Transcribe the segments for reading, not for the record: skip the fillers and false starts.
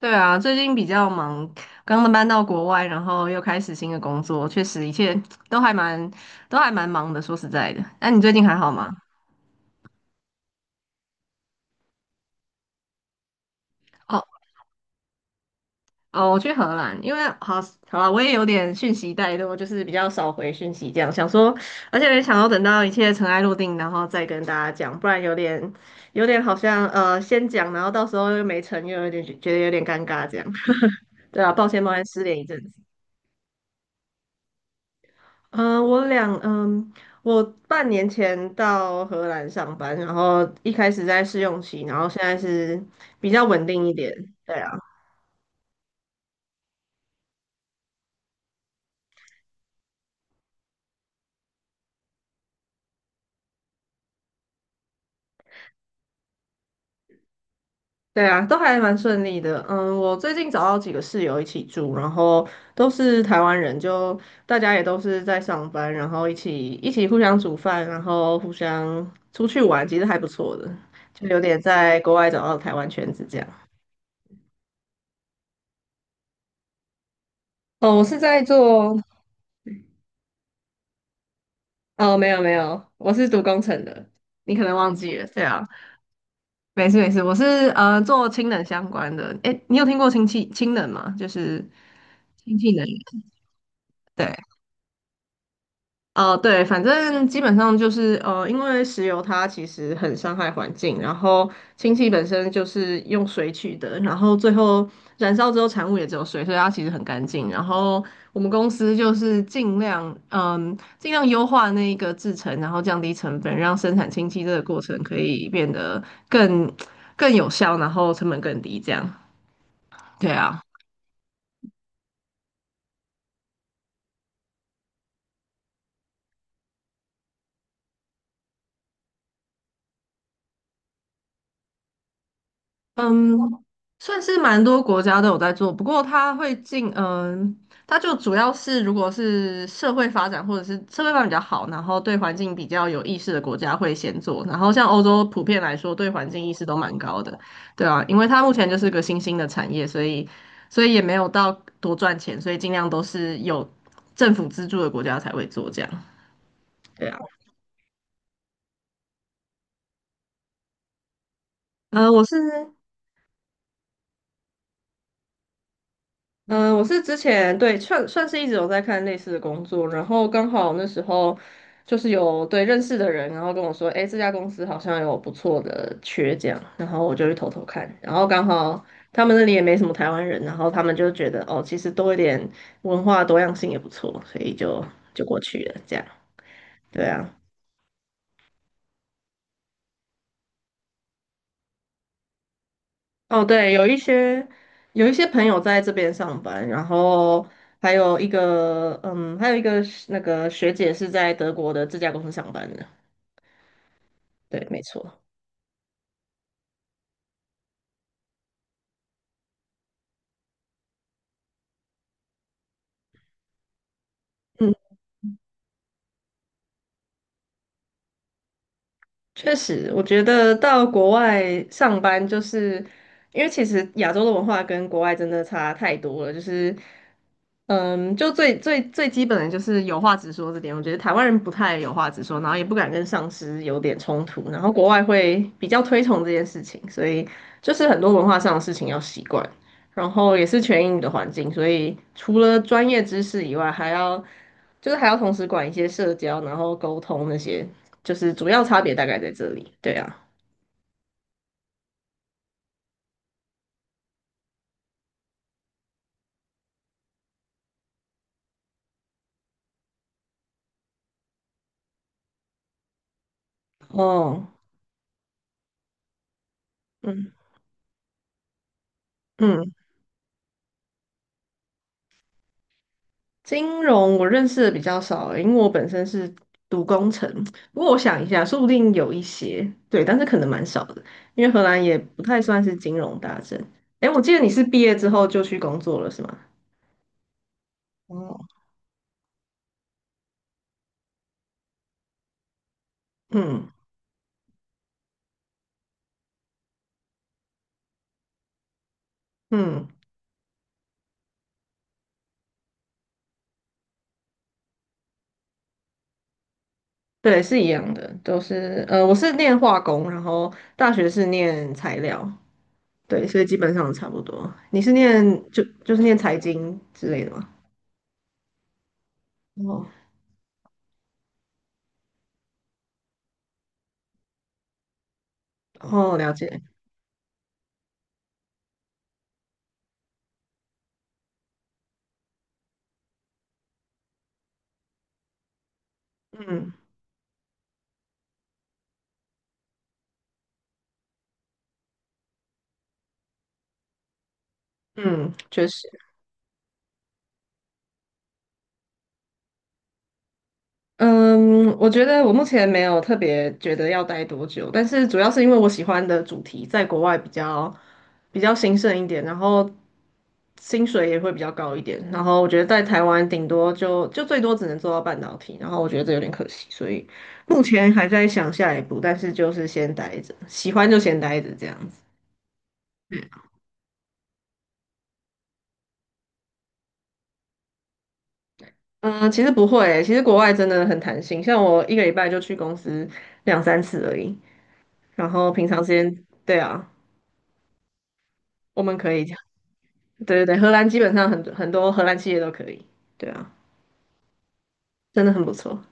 对啊，最近比较忙，刚刚搬到国外，然后又开始新的工作，确实一切都还蛮都还蛮忙的。说实在的，你最近还好吗？哦哦，我去荷兰，因为好好了，我也有点讯息怠惰，就是比较少回讯息，这样想说，而且也想要等到一切尘埃落定，然后再跟大家讲，不然有点好像先讲，然后到时候又没成，又有点觉得有点尴尬这样。对啊，抱歉抱歉，失联一阵子。嗯，我俩，嗯，我半年前到荷兰上班，然后一开始在试用期，然后现在是比较稳定一点。对啊，对啊，都还蛮顺利的。嗯，我最近找到几个室友一起住，然后都是台湾人，就大家也都是在上班，然后一起互相煮饭，然后互相出去玩，其实还不错的，就有点在国外找到台湾圈子这样。哦，我是在做哦，没有没有，我是读工程的。你可能忘记了，对啊，没事没事，我是做氢能相关的。诶，你有听过氢气氢能吗？就是氢气能源，对。哦，对，反正基本上就是因为石油它其实很伤害环境，然后氢气本身就是用水取的，然后最后燃烧之后产物也只有水，所以它其实很干净。然后我们公司就是尽量优化那一个制成，然后降低成本，让生产氢气这个过程可以变得更更有效，然后成本更低，这样。对啊。嗯，算是蛮多国家都有在做，不过它会进，嗯，它就主要是如果是社会发展或者是社会发展比较好，然后对环境比较有意识的国家会先做，然后像欧洲普遍来说对环境意识都蛮高的，对啊，因为它目前就是个新兴的产业，所以也没有到多赚钱，所以尽量都是有政府资助的国家才会做这样，对啊，我是。嗯，我是之前对算是一直有在看类似的工作，然后刚好那时候就是有对认识的人，然后跟我说，诶，这家公司好像有不错的缺这样，然后我就去偷偷看，然后刚好他们那里也没什么台湾人，然后他们就觉得哦，其实多一点文化多样性也不错，所以就过去了这样，对啊。哦，对，有一些朋友在这边上班，然后还有一个那个学姐是在德国的这家公司上班的。对，没错。嗯，确实，我觉得到国外上班，就是因为其实亚洲的文化跟国外真的差太多了，就是。嗯，就最基本的就是有话直说这点，我觉得台湾人不太有话直说，然后也不敢跟上司有点冲突，然后国外会比较推崇这件事情，所以就是很多文化上的事情要习惯，然后也是全英语的环境，所以除了专业知识以外，还要同时管一些社交，然后沟通那些，就是主要差别大概在这里。对啊，哦，嗯嗯。金融我认识的比较少，因为我本身是读工程。不过我想一下，说不定有一些，对，但是可能蛮少的，因为荷兰也不太算是金融大镇。诶，我记得你是毕业之后就去工作了，是吗？哦，嗯嗯，对，是一样的，都是我是念化工，然后大学是念材料，对，所以基本上差不多。你是念就是念财经之类的吗？哦，哦，了解，嗯嗯，确实。嗯，我觉得我目前没有特别觉得要待多久，但是主要是因为我喜欢的主题在国外比较兴盛一点，然后薪水也会比较高一点，然后我觉得在台湾顶多就最多只能做到半导体，然后我觉得这有点可惜，所以目前还在想下一步，但是就是先待着，喜欢就先待着这样子。嗯，其实不会欸其实国外真的很弹性，像我一个礼拜就去公司两三次而已，然后平常时间，对啊，我们可以。对对对，荷兰基本上很多荷兰企业都可以，对啊，真的很不错。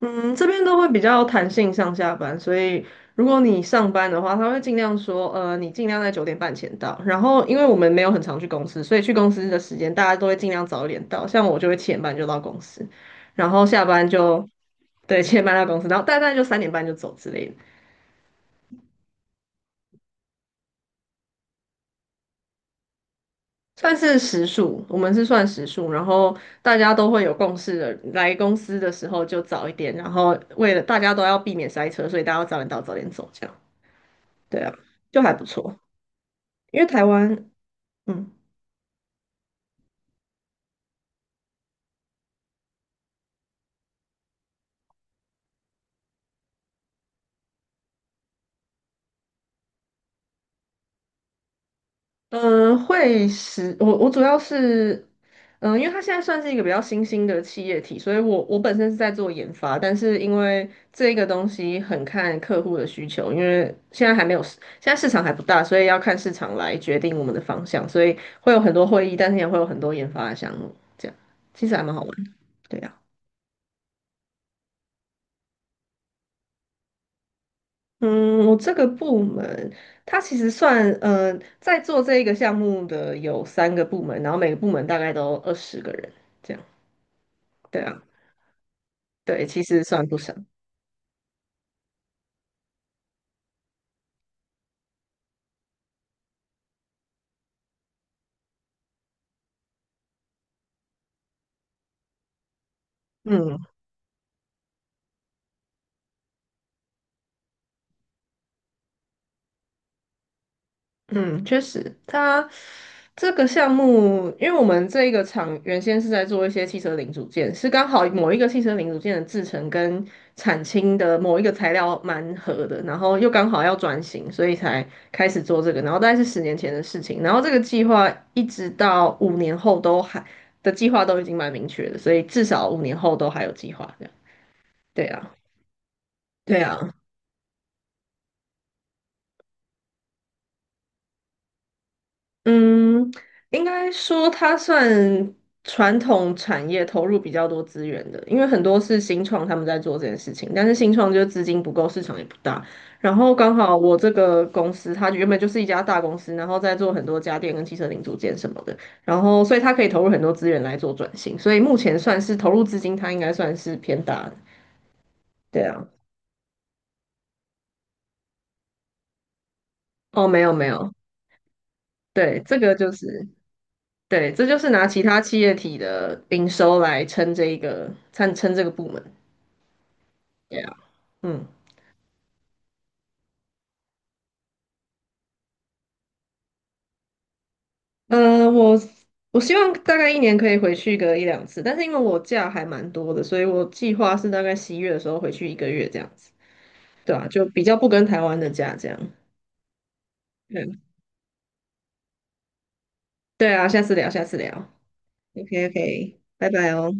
嗯，这边都会比较弹性上下班，所以如果你上班的话，他会尽量说，你尽量在9:30前到。然后，因为我们没有很常去公司，所以去公司的时间大家都会尽量早一点到。像我就会七点半就到公司，然后下班就对七点半到公司，然后大概就3:30就走之类的。算是时数，我们是算时数，然后大家都会有共识的。来公司的时候就早一点，然后为了大家都要避免塞车，所以大家要早点到，早点走，这样。对啊，就还不错。因为台湾，嗯，嗯，会使我主要是，嗯，因为它现在算是一个比较新兴的企业体，所以我本身是在做研发，但是因为这个东西很看客户的需求，因为现在市场还不大，所以要看市场来决定我们的方向，所以会有很多会议，但是也会有很多研发的项目，这样其实还蛮好玩，对啊。嗯，我这个部门，它其实算，在做这一个项目的有三个部门，然后每个部门大概都20个人，这样。对啊。对，其实算不少。嗯嗯，确实，它这个项目，因为我们这一个厂原先是在做一些汽车零组件，是刚好某一个汽车零组件的制成跟产氢的某一个材料蛮合的，然后又刚好要转型，所以才开始做这个。然后大概是10年前的事情，然后这个计划一直到五年后都还的计划都已经蛮明确的，所以至少五年后都还有计划这样。对啊，对啊。嗯，应该说它算传统产业投入比较多资源的，因为很多是新创他们在做这件事情，但是新创就是资金不够，市场也不大。然后刚好我这个公司，它原本就是一家大公司，然后在做很多家电跟汽车零组件什么的，然后所以它可以投入很多资源来做转型，所以目前算是投入资金，它应该算是偏大的。对啊，哦，没有没有，对，这个就是。对，这就是拿其他企业体的营收来撑这一个，撑这个部门。对啊，嗯，呃，我我希望大概一年可以回去个一两次，但是因为我假还蛮多的，所以我计划是大概11月的时候回去一个月这样子。对啊，就比较不跟台湾的假这样。嗯，对啊，下次聊，下次聊。OK OK，拜拜哦。